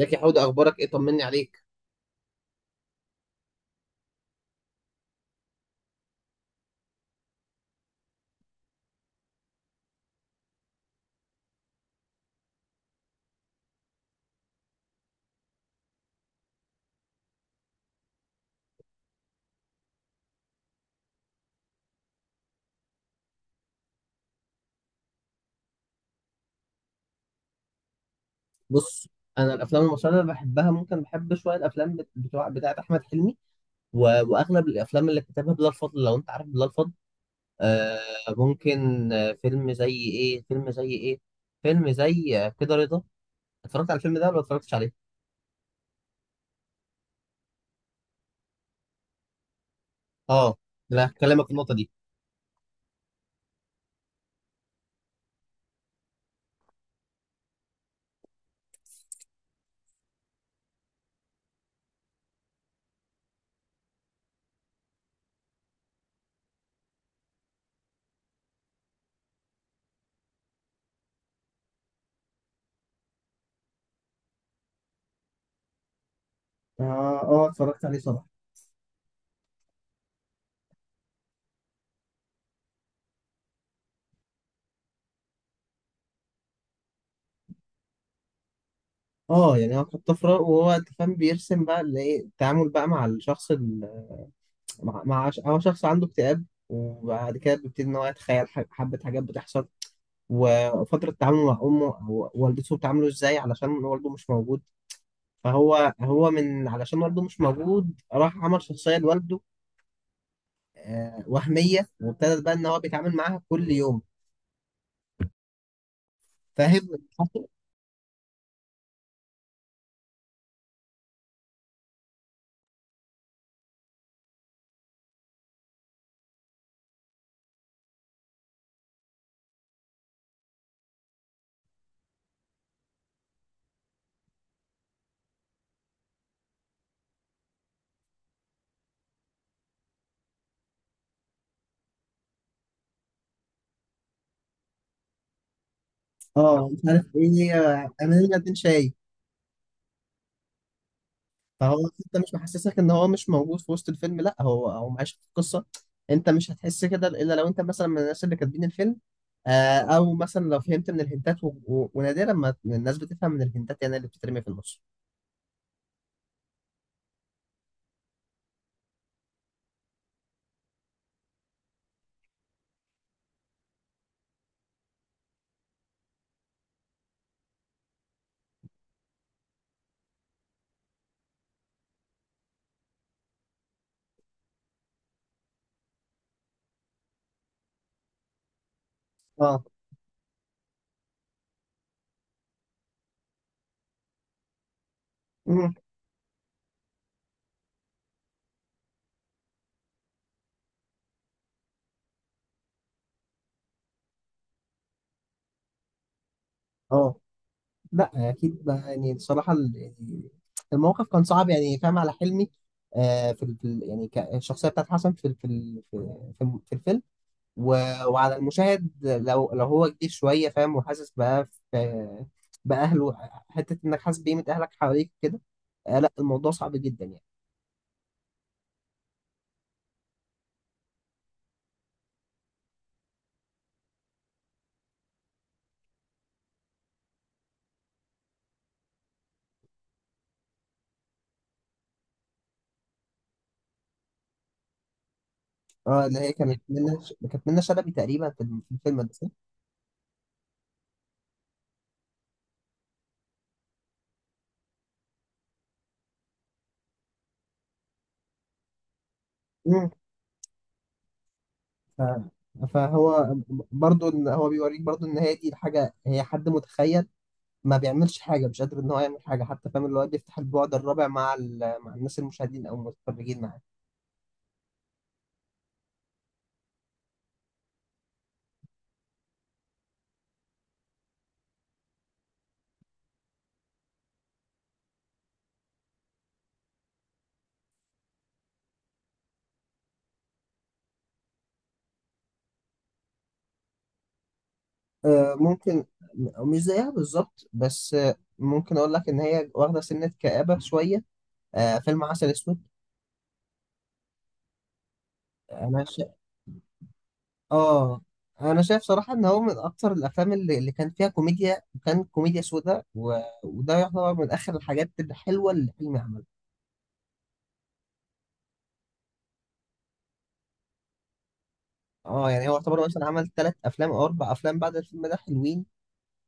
زكي حوده، اخبارك ايه؟ طمني عليك. بص، انا الافلام المصريه اللي بحبها، ممكن بحب شويه الافلام بتوع بتاعه احمد حلمي و... واغلب الافلام اللي كتبها بلال فضل، لو انت عارف بلال فضل. آه ممكن. فيلم زي ايه؟ فيلم زي كده رضا. اتفرجت على الفيلم ده ولا اتفرجتش عليه؟ اه، لا هكلمك في النقطه دي. اه، اه، اتفرجت عليه طبعا. اه، يعني هو كان طفره، وهو أنت فاهم بيرسم بقى اللي ايه التعامل بقى مع الشخص. مع هو شخص عنده اكتئاب، وبعد كده بيبتدي ان هو يتخيل حبة حاجات بتحصل. وفترة تعامله مع أمه أو والدته بتعامله ازاي علشان والده مش موجود. فهو علشان والده مش موجود راح عمل شخصية لوالده، وهمية، وابتدى بقى ان هو بيتعامل معاها كل يوم. فاهم؟ اه، مش عارف ايه. انا هنا 2 شاي. فهو انت مش محسسك ان هو مش موجود في وسط الفيلم؟ لا، هو معيش في القصه. انت مش هتحس كده الا لو انت مثلا من الناس اللي كاتبين الفيلم، او مثلا لو فهمت من الهنتات ونادرا ما الناس بتفهم من الهنتات، يعني اللي بتترمي في النص. اه. مم. اه، لا اكيد بقى، يعني الصراحه الموقف كان صعب، يعني فاهم على حلمي. في يعني الشخصيه بتاعت حسن في ال... في ال... في في الفيلم. و- وعلى المشاهد، لو هو كبير شوية فاهم وحاسس بقى بأهله، حتة إنك حاسس بقيمة أهلك حواليك كده. لا، الموضوع صعب جدا يعني. اه، اللي هي كانت منة شلبي تقريبا، في الفيلم ده، صح؟ مم. ف- فهو برضو إن هو بيوريك، برضو إن هي دي الحاجة، هي حد متخيل، ما بيعملش حاجة، مش قادر إن هو يعمل حاجة، حتى فاهم اللي هو بيفتح البعد الرابع مع الناس المشاهدين أو المتفرجين معاه. ممكن. مش زيها بالظبط، بس ممكن اقول لك ان هي واخده سنه كآبه شويه. فيلم عسل اسود. انا شا... اه انا شايف صراحه ان هو من اكتر الافلام اللي كان فيها كوميديا، وكان كوميديا سودا، وده يعتبر من اخر الحاجات الحلوه اللي حلمي عملها. اه، يعني هو يعتبر مثلا عمل 3 افلام او 4 افلام بعد الفيلم ده حلوين.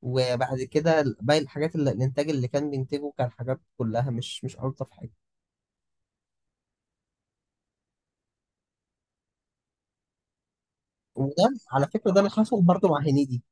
وبعد كده باقي الحاجات اللي الانتاج اللي كان بينتجه كان حاجات كلها مش الطف حاجه. وده على فكره ده اللي حصل برضه مع هنيدي.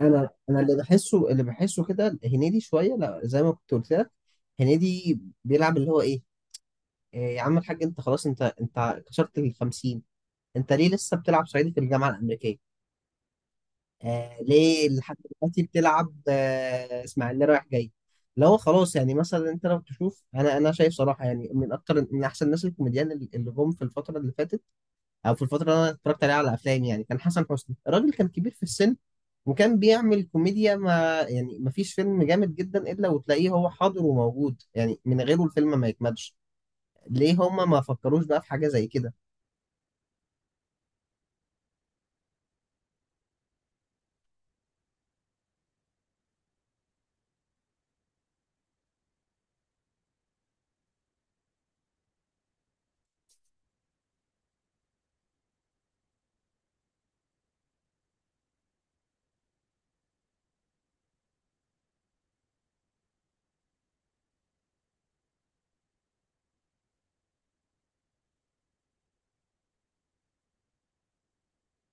انا اللي بحسه كده هنيدي شويه، لا زي ما كنت قلت لك. هنيدي بيلعب اللي هو ايه؟ إيه يا عم الحاج، انت خلاص، انت كسرت ال 50. انت ليه لسه بتلعب صعيدي في الجامعه الامريكيه؟ ليه لحد دلوقتي بتلعب اسماعيليه رايح جاي؟ اللي هو خلاص، يعني مثلا انت لو تشوف، انا شايف صراحه، يعني من احسن الناس الكوميديان اللي جم في الفتره اللي فاتت، او في الفتره اللي انا اتفرجت عليها على افلام، يعني كان حسن حسني، الراجل كان كبير في السن وكان بيعمل كوميديا، ما يعني ما فيش فيلم جامد جدا الا وتلاقيه هو حاضر وموجود، يعني من غيره الفيلم ما يكملش. ليه هما ما فكروش بقى في حاجه زي كده؟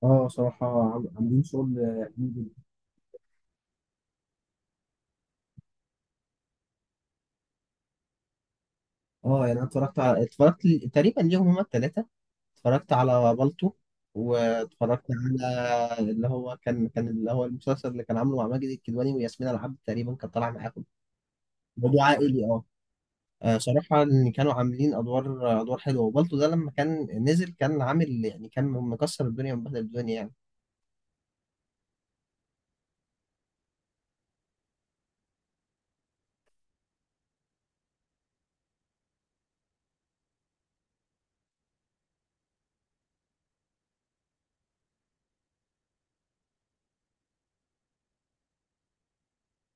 اه، صراحة عاملين شغل جميل جدا. اه، يعني انا اتفرجت على اتفرجت ل- تقريبا ليهم هما التلاتة. اتفرجت على بالطو، واتفرجت على اللي هو المسلسل اللي كان عامله مع ماجد الكدواني وياسمين العبد، تقريبا كان طالع معاهم، موضوع عائلي. اه، صراحة إن كانوا عاملين أدوار حلوة، وبالتو ده لما كان نزل كان عامل، يعني كان مكسر الدنيا ومبهدل الدنيا يعني.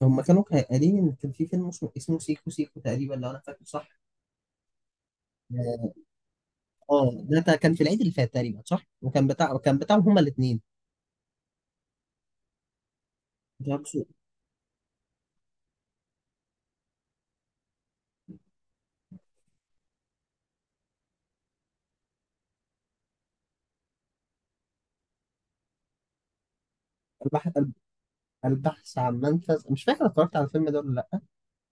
هما كانوا قايلين إن كان في فيلم اسمه سيكو سيكو تقريبا، لو أنا فاكر صح. اه، ده كان في العيد اللي فات تقريبا، صح؟ وكان بتاع، كان بتاعهم هما الاثنين. البحث البحث عن منفذ. مش فاكر اتفرجت على الفيلم ده ولا لا.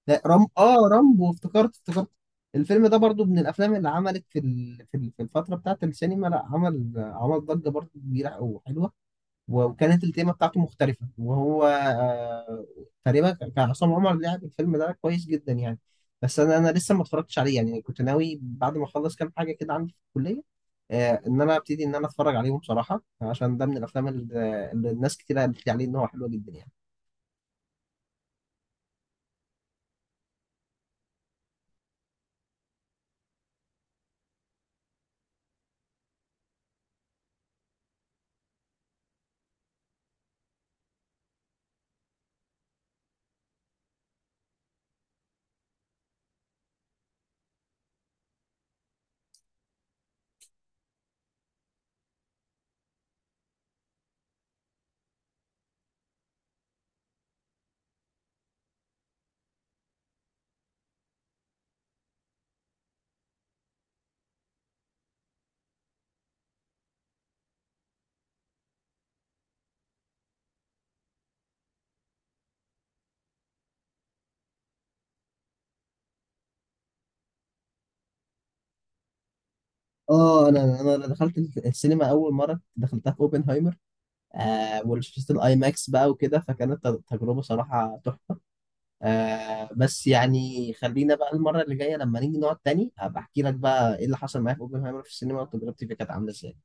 لا، رم اه رامبو، افتكرت. الفيلم ده برضو من الافلام اللي عملت في الفتره بتاعت السينما. لا، عمل ضجه برضو كبيره وحلوه، وكانت التيمة بتاعته مختلفة، وهو تقريبا كان عصام عمر لعب الفيلم ده كويس جدا يعني. بس أنا لسه ما اتفرجتش عليه، يعني كنت ناوي بعد ما أخلص كام حاجة كده عندي في الكلية، إن أنا أبتدي إن أنا أتفرج عليهم بصراحة، عشان ده من الأفلام اللي الناس كتير قالت لي عليه إن هو حلو جدا يعني. اه، انا دخلت السينما اول مره دخلتها في اوبنهايمر، وشفت الاي ماكس بقى وكده، فكانت تجربه صراحه تحفه. بس يعني خلينا بقى المرة اللي جاية لما نيجي نقعد تاني هبقى احكي لك بقى ايه اللي حصل معايا في اوبنهايمر في السينما، وتجربتي فيه كانت عاملة ازاي.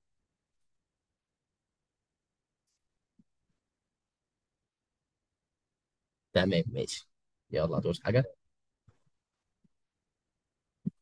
تمام، ماشي. يلا، هتعوز حاجة؟